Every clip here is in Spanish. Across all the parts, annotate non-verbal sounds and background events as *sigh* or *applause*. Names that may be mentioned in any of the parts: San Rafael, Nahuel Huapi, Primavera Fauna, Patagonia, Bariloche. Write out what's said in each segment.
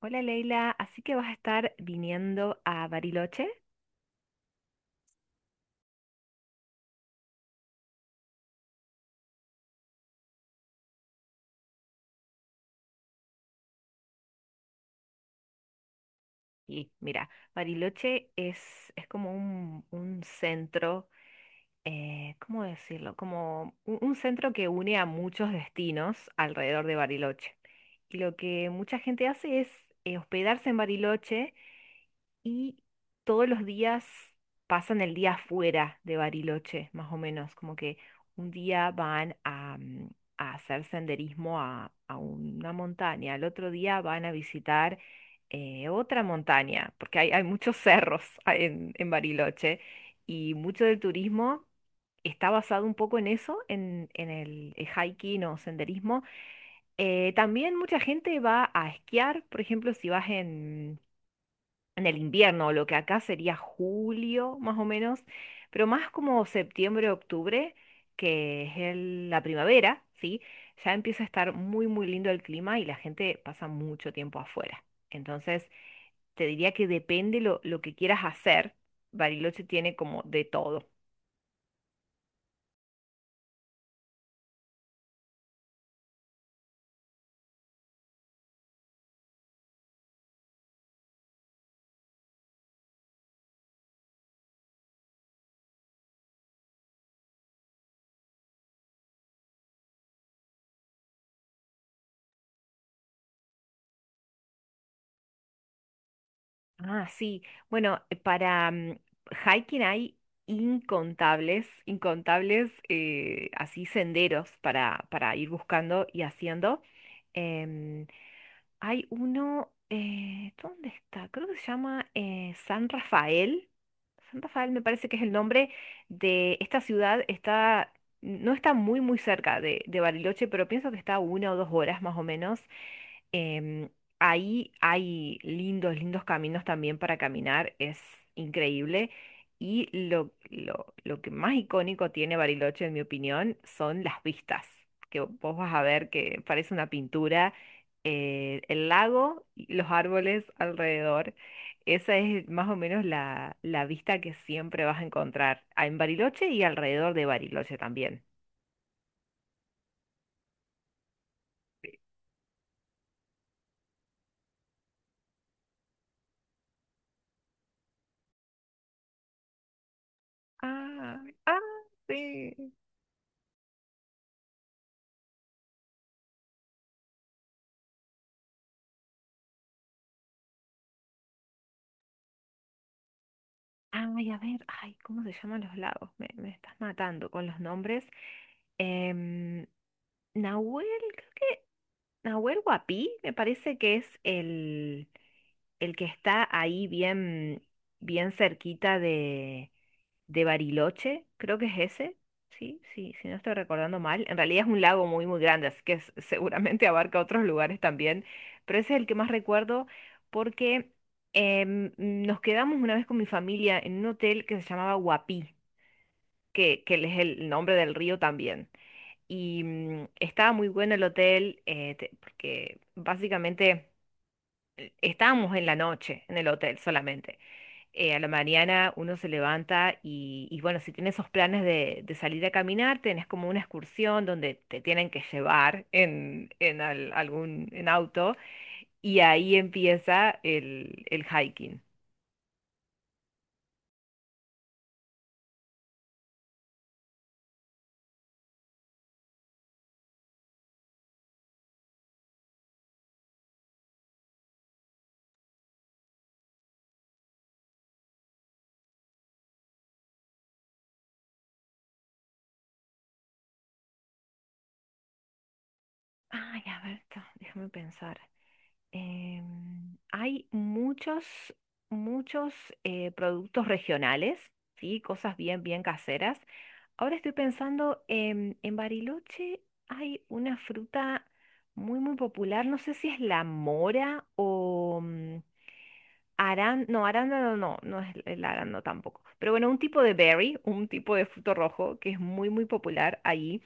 Hola Leila, así que vas a estar viniendo a Bariloche. Y mira, Bariloche es como un centro, ¿cómo decirlo? Como un centro que une a muchos destinos alrededor de Bariloche. Y lo que mucha gente hace es hospedarse en Bariloche y todos los días pasan el día fuera de Bariloche, más o menos, como que un día van a a hacer senderismo a una montaña, al otro día van a visitar otra montaña, porque hay muchos cerros *laughs* en Bariloche y mucho del turismo está basado un poco en eso, en el hiking o senderismo. También mucha gente va a esquiar, por ejemplo, si vas en el invierno, lo que acá sería julio más o menos, pero más como septiembre, octubre, que es la primavera, ¿sí? Ya empieza a estar muy lindo el clima y la gente pasa mucho tiempo afuera. Entonces, te diría que depende lo que quieras hacer. Bariloche tiene como de todo. Ah, sí. Bueno, para hiking hay incontables así senderos para ir buscando y haciendo. Em, Hay uno, ¿dónde está? Creo que se llama San Rafael. San Rafael me parece que es el nombre de esta ciudad. No está muy cerca de Bariloche, pero pienso que está a una o dos horas más o menos. Em, Ahí hay lindos caminos también para caminar, es increíble. Y lo que más icónico tiene Bariloche, en mi opinión, son las vistas, que vos vas a ver que parece una pintura, el lago y los árboles alrededor. Esa es más o menos la vista que siempre vas a encontrar en Bariloche y alrededor de Bariloche también. Ah, ah, sí. Ay, a ver, ay, ¿cómo se llaman los lagos? Me estás matando con los nombres. Em, Nahuel, creo que- Nahuel Huapi, me parece que es el que está ahí bien, bien cerquita de Bariloche, creo que es ese, sí, sí, si no estoy recordando mal. En realidad es un lago muy grande, así que *laughs* seguramente abarca otros lugares también, pero ese es el que más recuerdo porque nos quedamos una vez con mi familia en un hotel que se llamaba Huapi que es el nombre del río también. Y estaba muy bueno el hotel, porque básicamente estábamos en la noche en el hotel solamente. A la mañana uno se levanta y bueno, si tienes esos planes de salir a caminar, tenés como una excursión donde te tienen que llevar en al- algún en auto y ahí empieza el hiking. Ay, a ver, déjame pensar. Hay muchos productos regionales, ¿sí? Cosas bien, bien caseras. Ahora estoy pensando, en Bariloche hay una fruta muy popular, no sé si es la mora o no, arándano no, no es el arándano tampoco. Pero bueno, un tipo de berry, un tipo de fruto rojo que es muy popular allí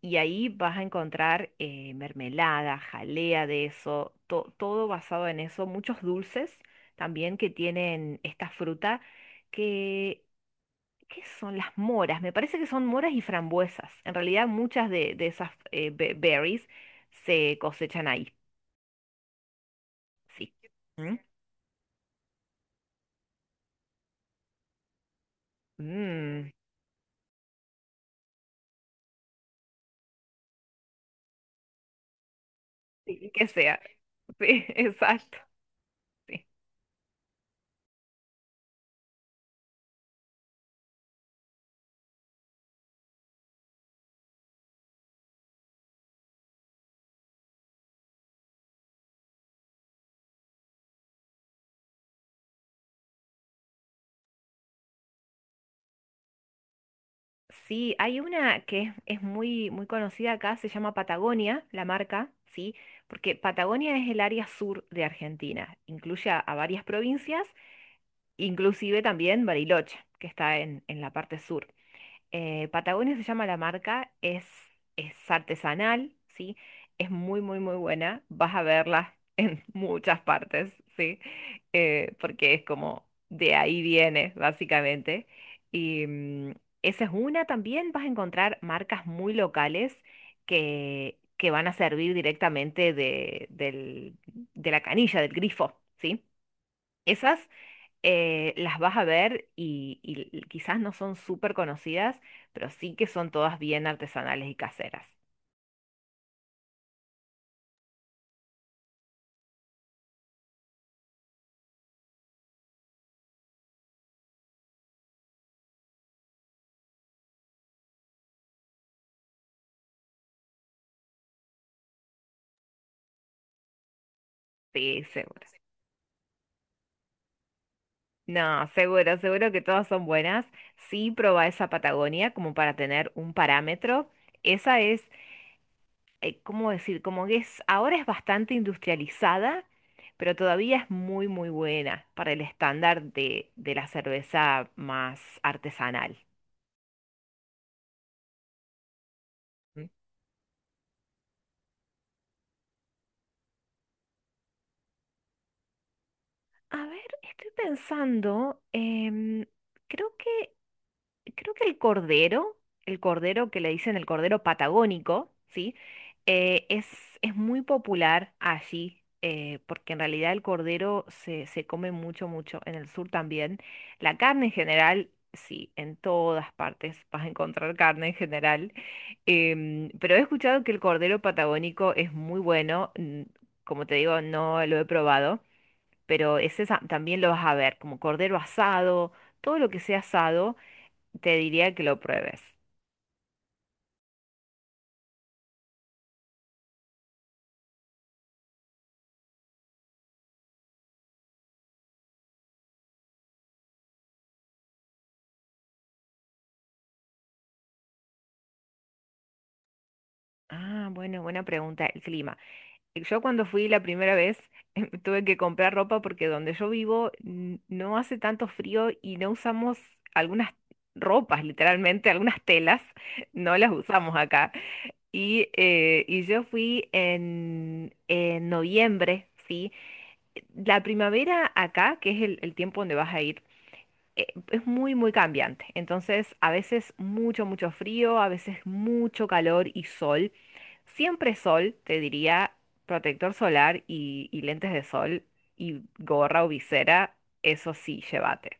y ahí vas a encontrar mermelada, jalea de eso, todo basado en eso, muchos dulces también que tienen esta fruta, que, ¿qué son las moras? Me parece que son moras y frambuesas. En realidad muchas de esas berries se cosechan ahí, sí. ¿Mm? Mm, sí, que sea, *laughs* sí, exacto. Sí. Sí, hay una que es muy, muy conocida acá, se llama Patagonia, la marca, ¿sí? Porque Patagonia es el área sur de Argentina, incluye a varias provincias, inclusive también Bariloche, que está en la parte sur. Patagonia se llama la marca, es artesanal, ¿sí? Es muy buena. Vas a verla *laughs* en muchas partes, ¿sí? Porque es como de ahí viene, básicamente. Y esa es una. También vas a encontrar marcas muy locales que van a servir directamente de la canilla, del grifo, ¿sí? Esas las vas a ver y quizás no son súper conocidas, pero sí que son todas bien artesanales y caseras. Sí, seguro. No, seguro, seguro que todas son buenas. Sí, probá esa Patagonia como para tener un parámetro. Esa es, ¿cómo decir? Como que es, ahora es bastante industrializada, pero todavía es muy buena para el estándar de la cerveza más artesanal. A ver, estoy pensando, creo que, creo que el cordero que le dicen el cordero patagónico, ¿sí? Eh, es, es muy popular allí, porque en realidad el cordero se come mucho, mucho, en el sur también. La carne en general, sí, en todas partes vas a encontrar carne en general, pero he escuchado que el cordero patagónico es muy bueno, mm, como te digo, no lo he probado pero ese también lo vas a ver, como cordero asado, todo lo que sea asado, te diría que lo pruebes. Ah, bueno, buena pregunta, el clima. Yo cuando fui la primera vez *laughs* tuve que comprar ropa porque donde yo vivo no hace tanto frío y no usamos algunas ropas, literalmente, algunas telas, *laughs* no las usamos acá. Y yo fui en noviembre, ¿sí? La primavera acá, que es el tiempo donde vas a ir es muy cambiante. Entonces, a veces mucho frío, a veces mucho calor y sol. Siempre sol, te diría, protector solar y lentes de sol y gorra o visera, eso sí, llévate.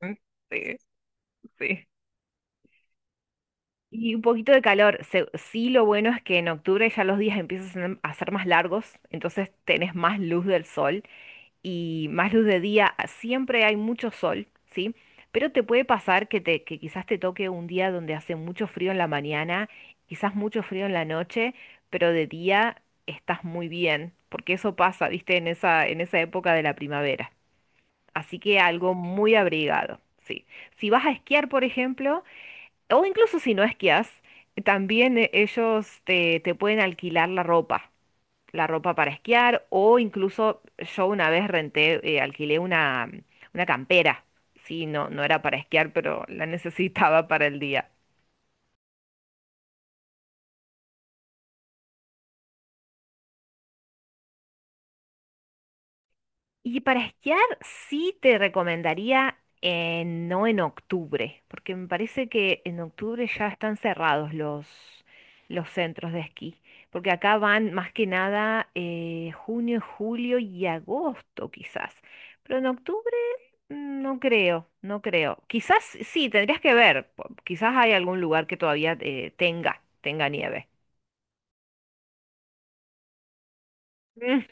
Mm, sí, sí. Y un poquito de calor. Sí, lo bueno es que en octubre ya los días empiezan a ser más largos, entonces tenés más luz del sol y más luz de día, siempre hay mucho sol, ¿sí? Pero te puede pasar que, te, que quizás te toque un día donde hace mucho frío en la mañana, quizás mucho frío en la noche, pero de día estás muy bien, porque eso pasa, ¿viste? En esa época de la primavera. Así que algo muy abrigado, sí. Si vas a esquiar, por ejemplo, o incluso si no esquias, también ellos te pueden alquilar la ropa para esquiar o incluso yo una vez alquilé una campera. Sí, no, no era para esquiar, pero la *laughs* necesitaba para el día. Y para esquiar sí te recomendaría no en octubre, porque me parece que en octubre ya están cerrados los centros de esquí, porque acá van más que nada junio, julio y agosto quizás, pero en octubre mm, no creo, no creo. Quizás sí, tendrías que ver. Quizás hay algún lugar que todavía tenga nieve. Mm.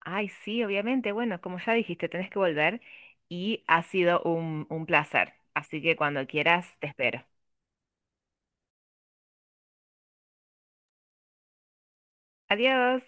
Ay, sí, obviamente. Bueno, como ya dijiste, tenés que volver y ha sido un placer. Así que cuando quieras, te espero. Adiós.